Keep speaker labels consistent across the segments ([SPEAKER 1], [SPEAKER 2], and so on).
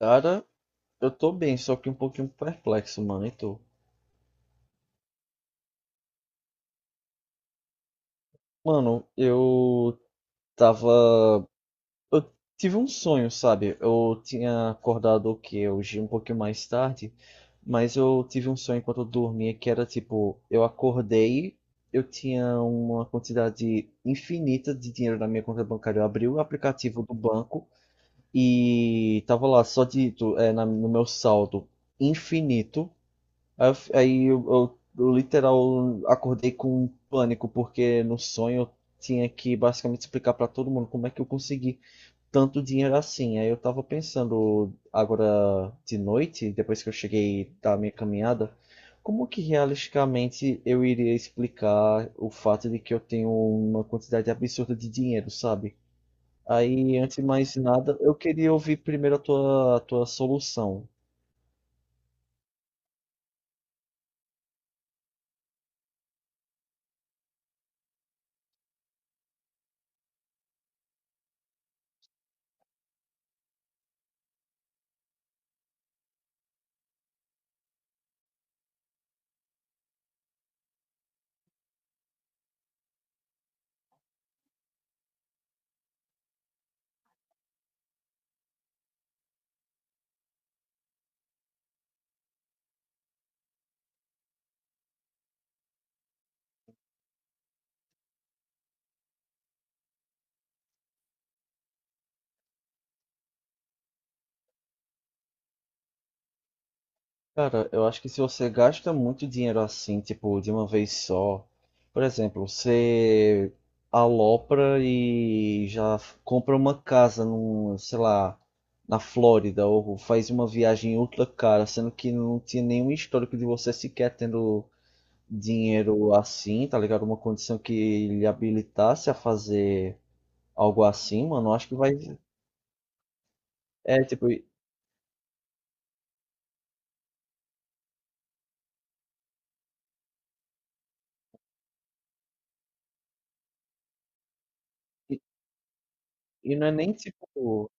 [SPEAKER 1] Cara, eu tô bem, só que um pouquinho perplexo, mano. E tu? Mano, eu tava. Eu tive um sonho, sabe? Eu tinha acordado o quê? Hoje um pouquinho mais tarde, mas eu tive um sonho enquanto eu dormia que era tipo: eu acordei, eu tinha uma quantidade infinita de dinheiro na minha conta bancária. Eu abri o aplicativo do banco e tava lá só dito, no meu saldo infinito. Aí eu literal acordei com um pânico, porque no sonho eu tinha que basicamente explicar pra todo mundo como é que eu consegui tanto dinheiro assim. Aí eu tava pensando agora de noite, depois que eu cheguei da minha caminhada, como que realisticamente eu iria explicar o fato de que eu tenho uma quantidade absurda de dinheiro, sabe? Aí, antes de mais nada, eu queria ouvir primeiro a tua solução. Cara, eu acho que se você gasta muito dinheiro assim, tipo, de uma vez só, por exemplo, você alopra e já compra uma casa num, sei lá, na Flórida, ou faz uma viagem ultra cara, sendo que não tinha nenhum histórico de você sequer tendo dinheiro assim, tá ligado? Uma condição que lhe habilitasse a fazer algo assim, mano, eu acho que vai. É, tipo, e, e não é nem tipo.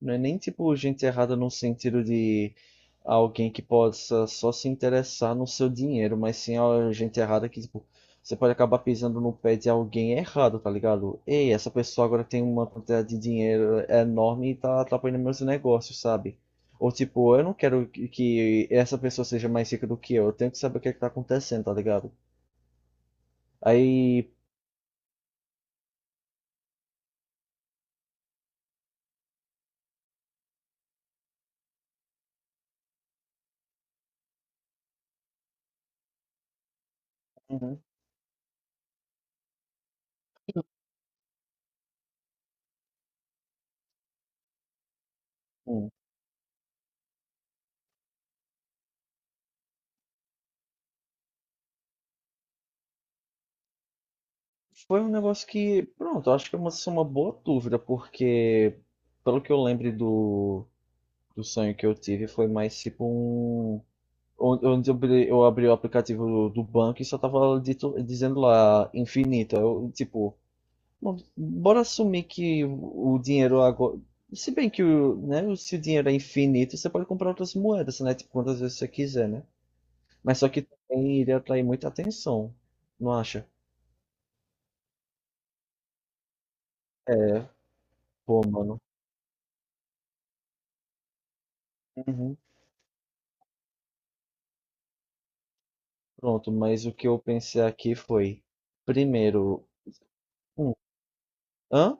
[SPEAKER 1] Não é nem tipo gente errada no sentido de alguém que possa só se interessar no seu dinheiro, mas sim a gente errada que, tipo, você pode acabar pisando no pé de alguém errado, tá ligado? Ei, essa pessoa agora tem uma quantidade de dinheiro enorme e tá atrapalhando meus negócios, sabe? Ou tipo, eu não quero que essa pessoa seja mais rica do que eu tenho que saber o que é que tá acontecendo, tá ligado? Aí. Uhum. Foi um negócio que, pronto, eu acho que isso é uma boa dúvida, porque pelo que eu lembro do sonho que eu tive, foi mais tipo um. Onde eu abri o aplicativo do banco e só tava dizendo lá infinito. Eu, tipo, bom, bora assumir que o dinheiro agora. Se bem que o, né, se o dinheiro é infinito, você pode comprar outras moedas, né? Tipo, quantas vezes você quiser, né? Mas só que também iria atrair muita atenção, não acha? É, pô, mano. Uhum. Pronto, mas o que eu pensei aqui foi, primeiro, um, hã?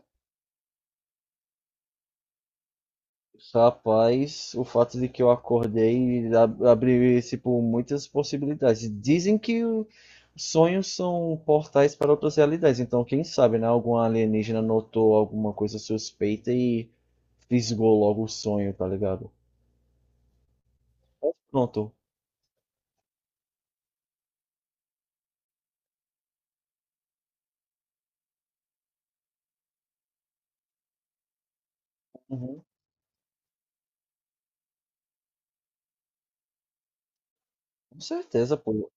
[SPEAKER 1] Rapaz, o fato de que eu acordei abriu, tipo, muitas possibilidades. Dizem que sonhos são portais para outras realidades, então quem sabe, né? Algum alienígena notou alguma coisa suspeita e fisgou logo o sonho, tá ligado? Pronto. Uhum. Com certeza, pô.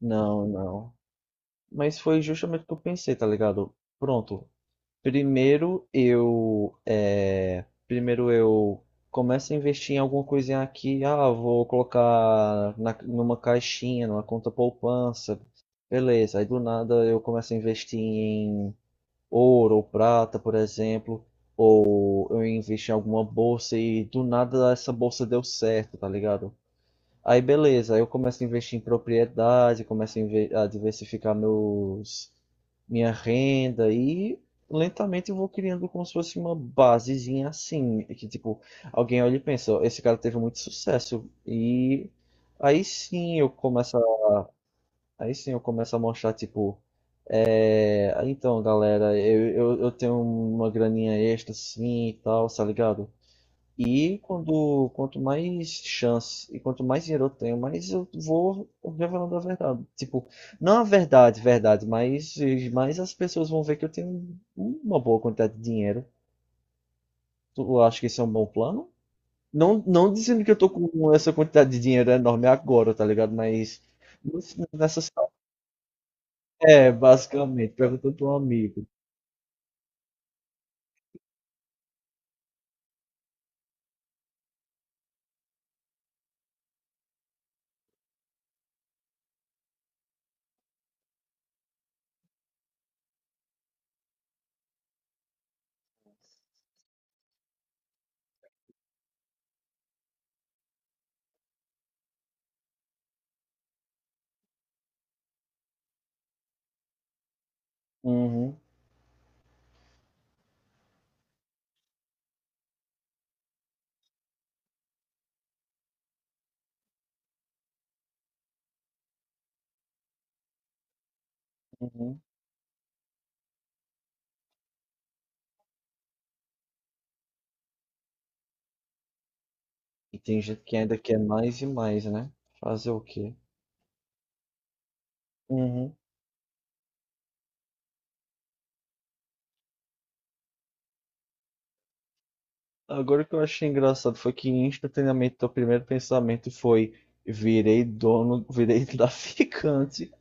[SPEAKER 1] Não, não. Mas foi justamente o que eu pensei, tá ligado? Pronto. Primeiro eu começo a investir em alguma coisinha aqui. Ah, vou colocar numa caixinha, numa conta poupança. Beleza. Aí do nada eu começo a investir em ouro ou prata, por exemplo. Ou eu invisto em alguma bolsa e do nada essa bolsa deu certo, tá ligado? Aí beleza, aí eu começo a investir em propriedade, começo a diversificar meus minha renda e lentamente eu vou criando como se fosse uma basezinha assim, que tipo, alguém olha e pensa, "Ó, esse cara teve muito sucesso e aí sim eu começo a, aí sim eu começo a mostrar tipo, é, então galera, eu tenho uma graninha extra assim e tal, tá ligado? E quando, quanto mais chance e quanto mais dinheiro eu tenho, mais eu vou revelando a verdade. Tipo, não a verdade, verdade, mas as pessoas vão ver que eu tenho uma boa quantidade de dinheiro. Tu acha que isso é um bom plano? Não, não dizendo que eu tô com essa quantidade de dinheiro enorme agora, tá ligado? Mas nessa. É, basicamente, perguntando pra um amigo. Uhum, uhum. E tem gente que ainda quer mais e mais, né? Fazer o quê? Uhum. Agora o que eu achei engraçado foi que instantaneamente o primeiro pensamento foi virei dono, virei traficante.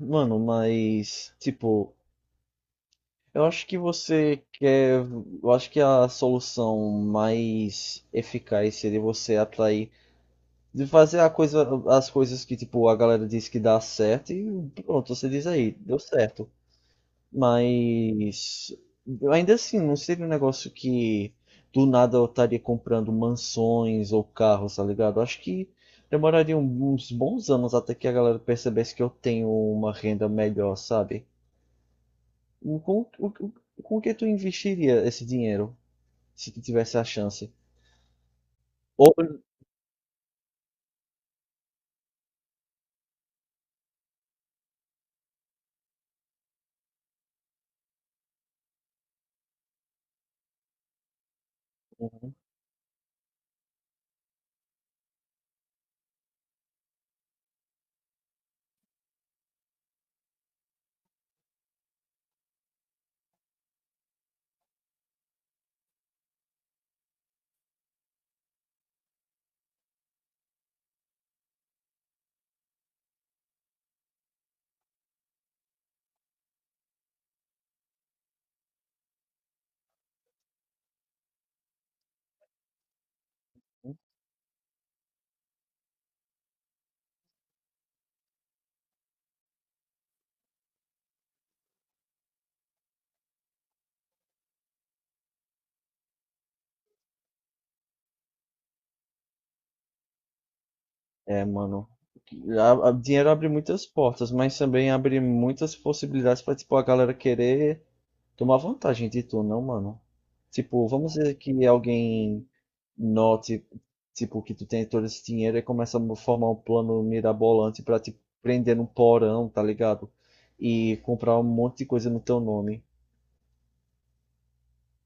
[SPEAKER 1] Mano, mas tipo, eu acho que você quer, eu acho que a solução mais eficaz seria você atrair de fazer as coisas que tipo a galera diz que dá certo e pronto, você diz aí, deu certo. Mas eu ainda assim, não seria um negócio que do nada eu estaria comprando mansões ou carros, tá ligado? Eu acho que demoraria uns bons anos até que a galera percebesse que eu tenho uma renda melhor, sabe? E com que tu investiria esse dinheiro, se tu tivesse a chance? Ou, é, mano, dinheiro abre muitas portas, mas também abre muitas possibilidades para tipo a galera querer tomar vantagem de tu, não, mano? Tipo, vamos dizer que alguém note, tipo, que tu tem todo esse dinheiro e começa a formar um plano mirabolante pra te prender num porão, tá ligado? E comprar um monte de coisa no teu nome.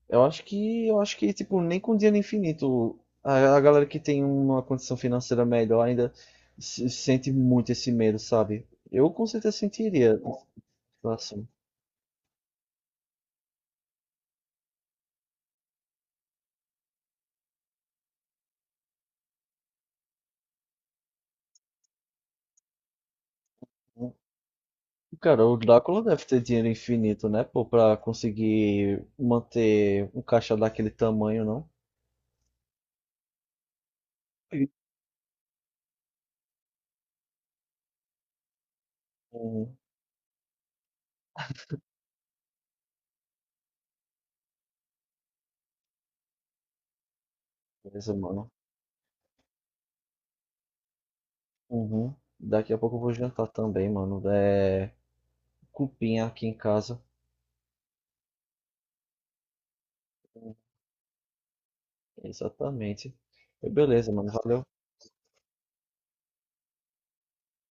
[SPEAKER 1] Tipo, nem com dinheiro infinito, a galera que tem uma condição financeira melhor ainda sente muito esse medo, sabe? Eu com certeza sentiria, assim. Cara, o Drácula deve ter dinheiro infinito, né, pô, pra conseguir manter um caixa daquele tamanho, não? Sim. Hum, beleza, mano. Uhum. Daqui a pouco eu vou jantar também, mano. É cupinha aqui em casa. Exatamente. Beleza, mano. Valeu.